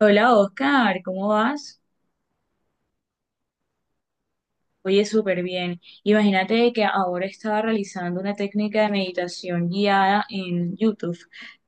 Hola Oscar, ¿cómo vas? Oye, súper bien. Imagínate que ahora estaba realizando una técnica de meditación guiada en YouTube.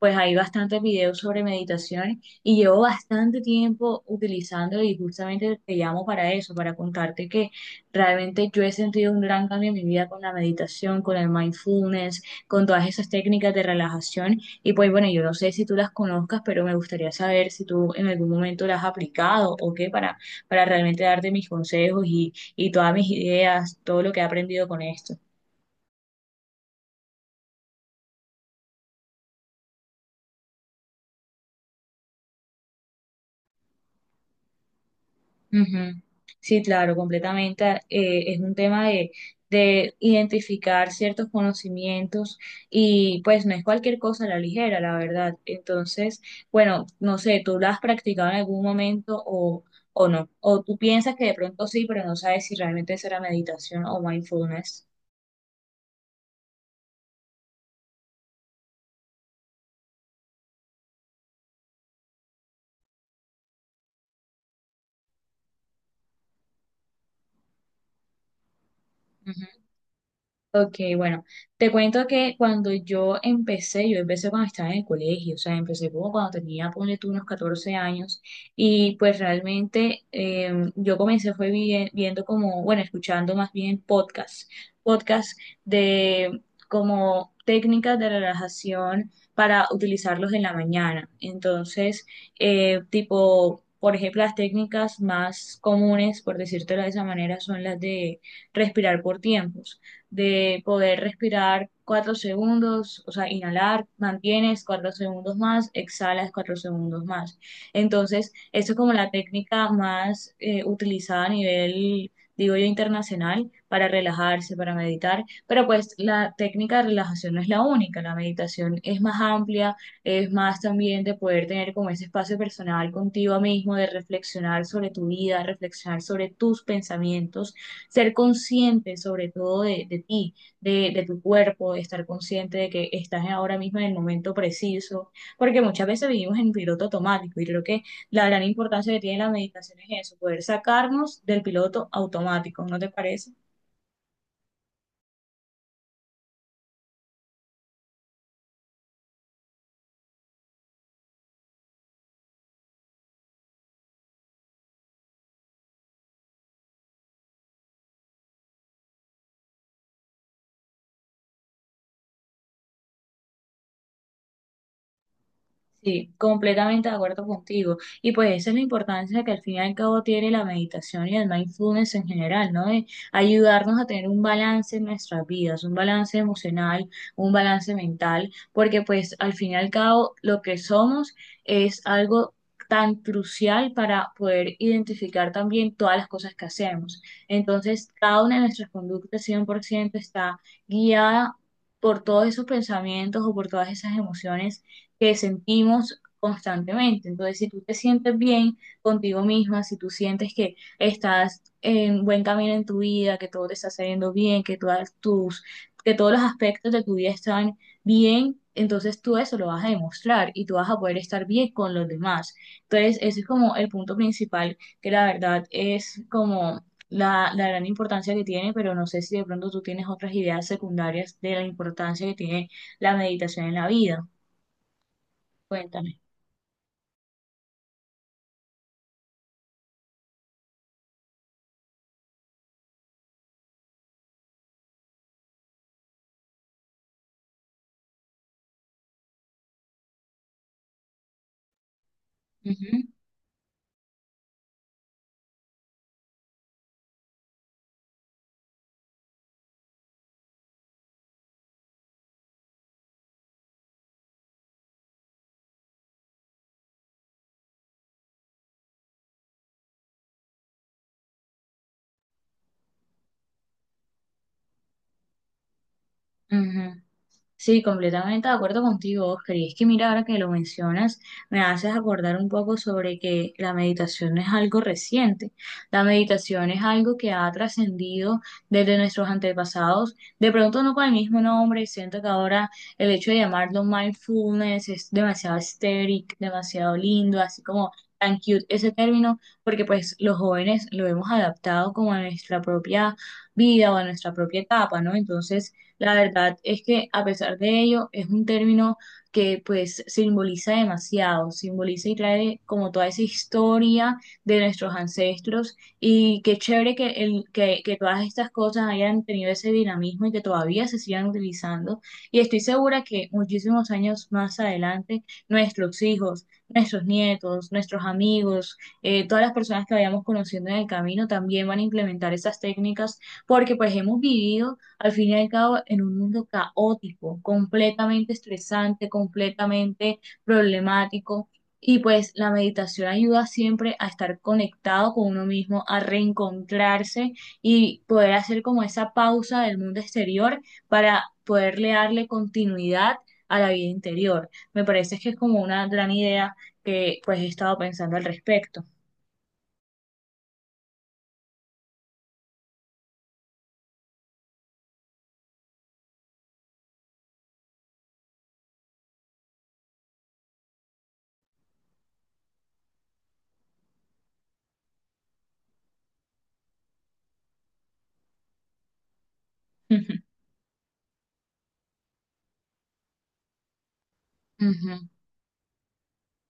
Pues hay bastantes videos sobre meditación y llevo bastante tiempo utilizándolo y justamente te llamo para eso, para contarte que realmente yo he sentido un gran cambio en mi vida con la meditación, con el mindfulness, con todas esas técnicas de relajación. Y pues bueno, yo no sé si tú las conozcas, pero me gustaría saber si tú en algún momento las has aplicado o qué para realmente darte mis consejos y todas mis ideas, todo lo que he aprendido con esto. Ujú. Sí, claro, completamente. Es un tema de identificar ciertos conocimientos y pues no es cualquier cosa a la ligera, la verdad. Entonces, bueno, no sé, ¿tú lo has practicado en algún momento o no? ¿O tú piensas que de pronto sí, pero no sabes si realmente será meditación o mindfulness? Ok, bueno, te cuento que cuando yo empecé cuando estaba en el colegio, o sea, empecé como cuando tenía, ponle tú, unos 14 años, y pues realmente yo comencé fue viendo como, bueno, escuchando más bien podcasts, podcasts de como técnicas de relajación para utilizarlos en la mañana. Entonces, tipo, por ejemplo, las técnicas más comunes, por decírtelo de esa manera, son las de respirar por tiempos de poder respirar 4 segundos, o sea, inhalar, mantienes 4 segundos más, exhalas 4 segundos más. Entonces, eso es como la técnica más utilizada a nivel, digo yo, internacional para relajarse, para meditar, pero pues la técnica de relajación no es la única, la meditación es más amplia, es más también de poder tener como ese espacio personal contigo mismo, de reflexionar sobre tu vida, reflexionar sobre tus pensamientos, ser consciente sobre todo de ti, de, tu cuerpo, estar consciente de que estás ahora mismo en el momento preciso, porque muchas veces vivimos en piloto automático y creo que la gran importancia que tiene la meditación es eso, poder sacarnos del piloto automático, ¿no te parece? Sí, completamente de acuerdo contigo. Y pues esa es la importancia que al fin y al cabo tiene la meditación y el mindfulness en general, ¿no? De ayudarnos a tener un balance en nuestras vidas, un balance emocional, un balance mental, porque pues al fin y al cabo lo que somos es algo tan crucial para poder identificar también todas las cosas que hacemos. Entonces, cada una de nuestras conductas 100% está guiada por todos esos pensamientos o por todas esas emociones que sentimos constantemente. Entonces, si tú te sientes bien contigo misma, si tú sientes que estás en buen camino en tu vida, que todo te está saliendo bien, que todas tus, que todos los aspectos de tu vida están bien, entonces tú eso lo vas a demostrar y tú vas a poder estar bien con los demás. Entonces, ese es como el punto principal, que la verdad es como la gran importancia que tiene, pero no sé si de pronto tú tienes otras ideas secundarias de la importancia que tiene la meditación en la vida. Cuéntame. Ujú, ujú. Sí, completamente de acuerdo contigo, Oscar. Y es que mira, ahora que lo mencionas, me haces acordar un poco sobre que la meditación no es algo reciente. La meditación es algo que ha trascendido desde nuestros antepasados. De pronto no con el mismo nombre, siento que ahora el hecho de llamarlo mindfulness es demasiado estético, demasiado lindo, así como tan cute ese término, porque pues los jóvenes lo hemos adaptado como a nuestra propia vida o a nuestra propia etapa, ¿no? Entonces... La verdad es que a pesar de ello es un término que pues simboliza demasiado, simboliza y trae como toda esa historia de nuestros ancestros y qué chévere que, el, que todas estas cosas hayan tenido ese dinamismo y que todavía se sigan utilizando. Y estoy segura que muchísimos años más adelante nuestros hijos, nuestros nietos, nuestros amigos, todas las personas que vayamos conociendo en el camino también van a implementar esas técnicas porque pues hemos vivido al fin y al cabo, en un mundo caótico, completamente estresante, completamente problemático. Y pues la meditación ayuda siempre a estar conectado con uno mismo, a reencontrarse y poder hacer como esa pausa del mundo exterior para poderle darle continuidad a la vida interior. Me parece que es como una gran idea que pues he estado pensando al respecto. Ujú.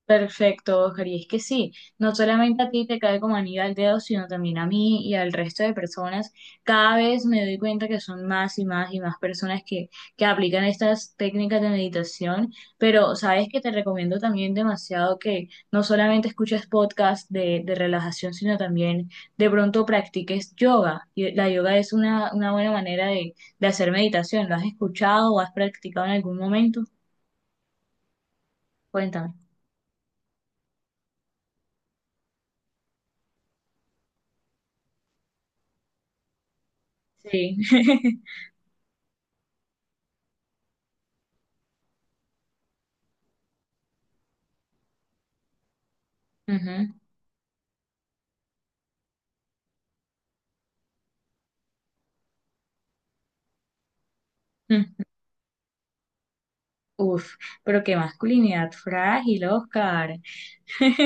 Perfecto, Oscar, y es que sí, no solamente a ti te cae como anillo al dedo, sino también a mí y al resto de personas. Cada vez me doy cuenta que son más y más y más personas que aplican estas técnicas de meditación, pero sabes que te recomiendo también demasiado que no solamente escuches podcasts de relajación, sino también de pronto practiques yoga. Y La yoga es una buena manera de hacer meditación. ¿Lo has escuchado o has practicado en algún momento? Cuéntame. Sí. Ujú. Uf, pero qué masculinidad frágil, Oscar.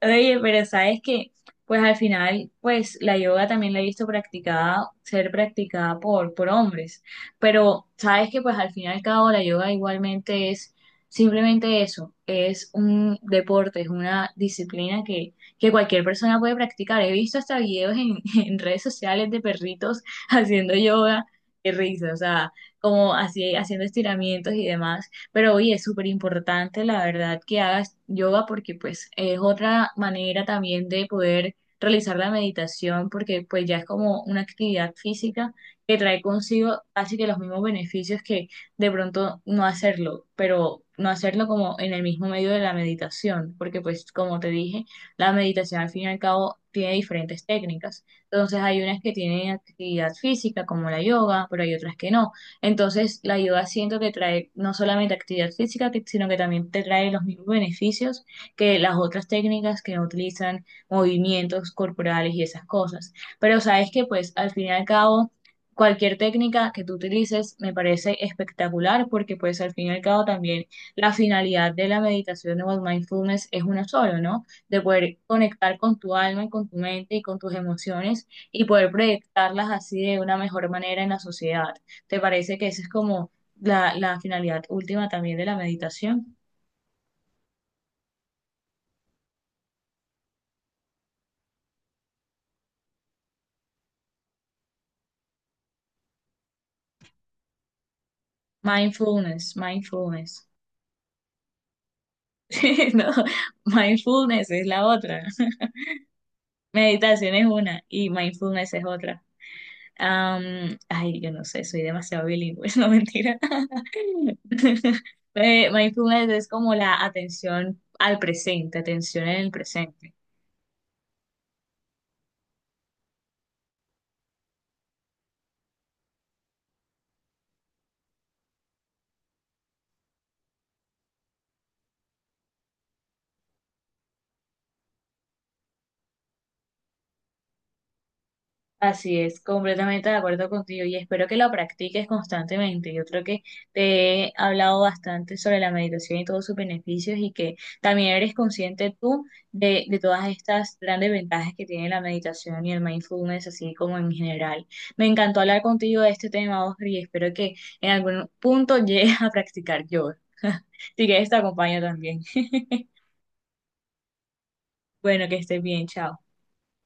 Oye, pero sabes que, pues al final, pues la yoga también la he visto practicada, ser practicada por hombres. Pero sabes que, pues al fin y al cabo, la yoga igualmente es simplemente eso, es un deporte, es una disciplina que cualquier persona puede practicar. He visto hasta videos en, en redes sociales de perritos haciendo yoga. Qué risa, o sea, como así haciendo estiramientos y demás. Pero oye, es súper importante, la verdad, que hagas yoga porque pues es otra manera también de poder realizar la meditación porque pues ya es como una actividad física que trae consigo casi que los mismos beneficios que de pronto no hacerlo, pero no hacerlo como en el mismo medio de la meditación, porque pues como te dije, la meditación al fin y al cabo tiene diferentes técnicas. Entonces hay unas que tienen actividad física como la yoga, pero hay otras que no. Entonces, la yoga siento que trae no solamente actividad física, sino que también te trae los mismos beneficios que las otras técnicas que utilizan movimientos corporales y esas cosas. Pero sabes que, pues, al fin y al cabo, cualquier técnica que tú utilices me parece espectacular porque, pues, al fin y al cabo también la finalidad de la meditación o el mindfulness es una sola, ¿no? De poder conectar con tu alma y con tu mente y con tus emociones y poder proyectarlas así de una mejor manera en la sociedad. ¿Te parece que esa es como la finalidad última también de la meditación? Mindfulness, mindfulness. No, mindfulness es la otra. Meditación es una y mindfulness es otra. Am, ay, yo no sé, soy demasiado bilingüe, no mentira. Mindfulness es como la atención al presente, atención en el presente. Así es, completamente de acuerdo contigo y espero que lo practiques constantemente. Yo creo que te he hablado bastante sobre la meditación y todos sus beneficios y que también eres consciente tú de todas estas grandes ventajas que tiene la meditación y el mindfulness, así como en general. Me encantó hablar contigo de este tema, Oscar, y espero que en algún punto llegues a practicar yoga. Si quieres, te acompaño también. Bueno, que estés bien, chao.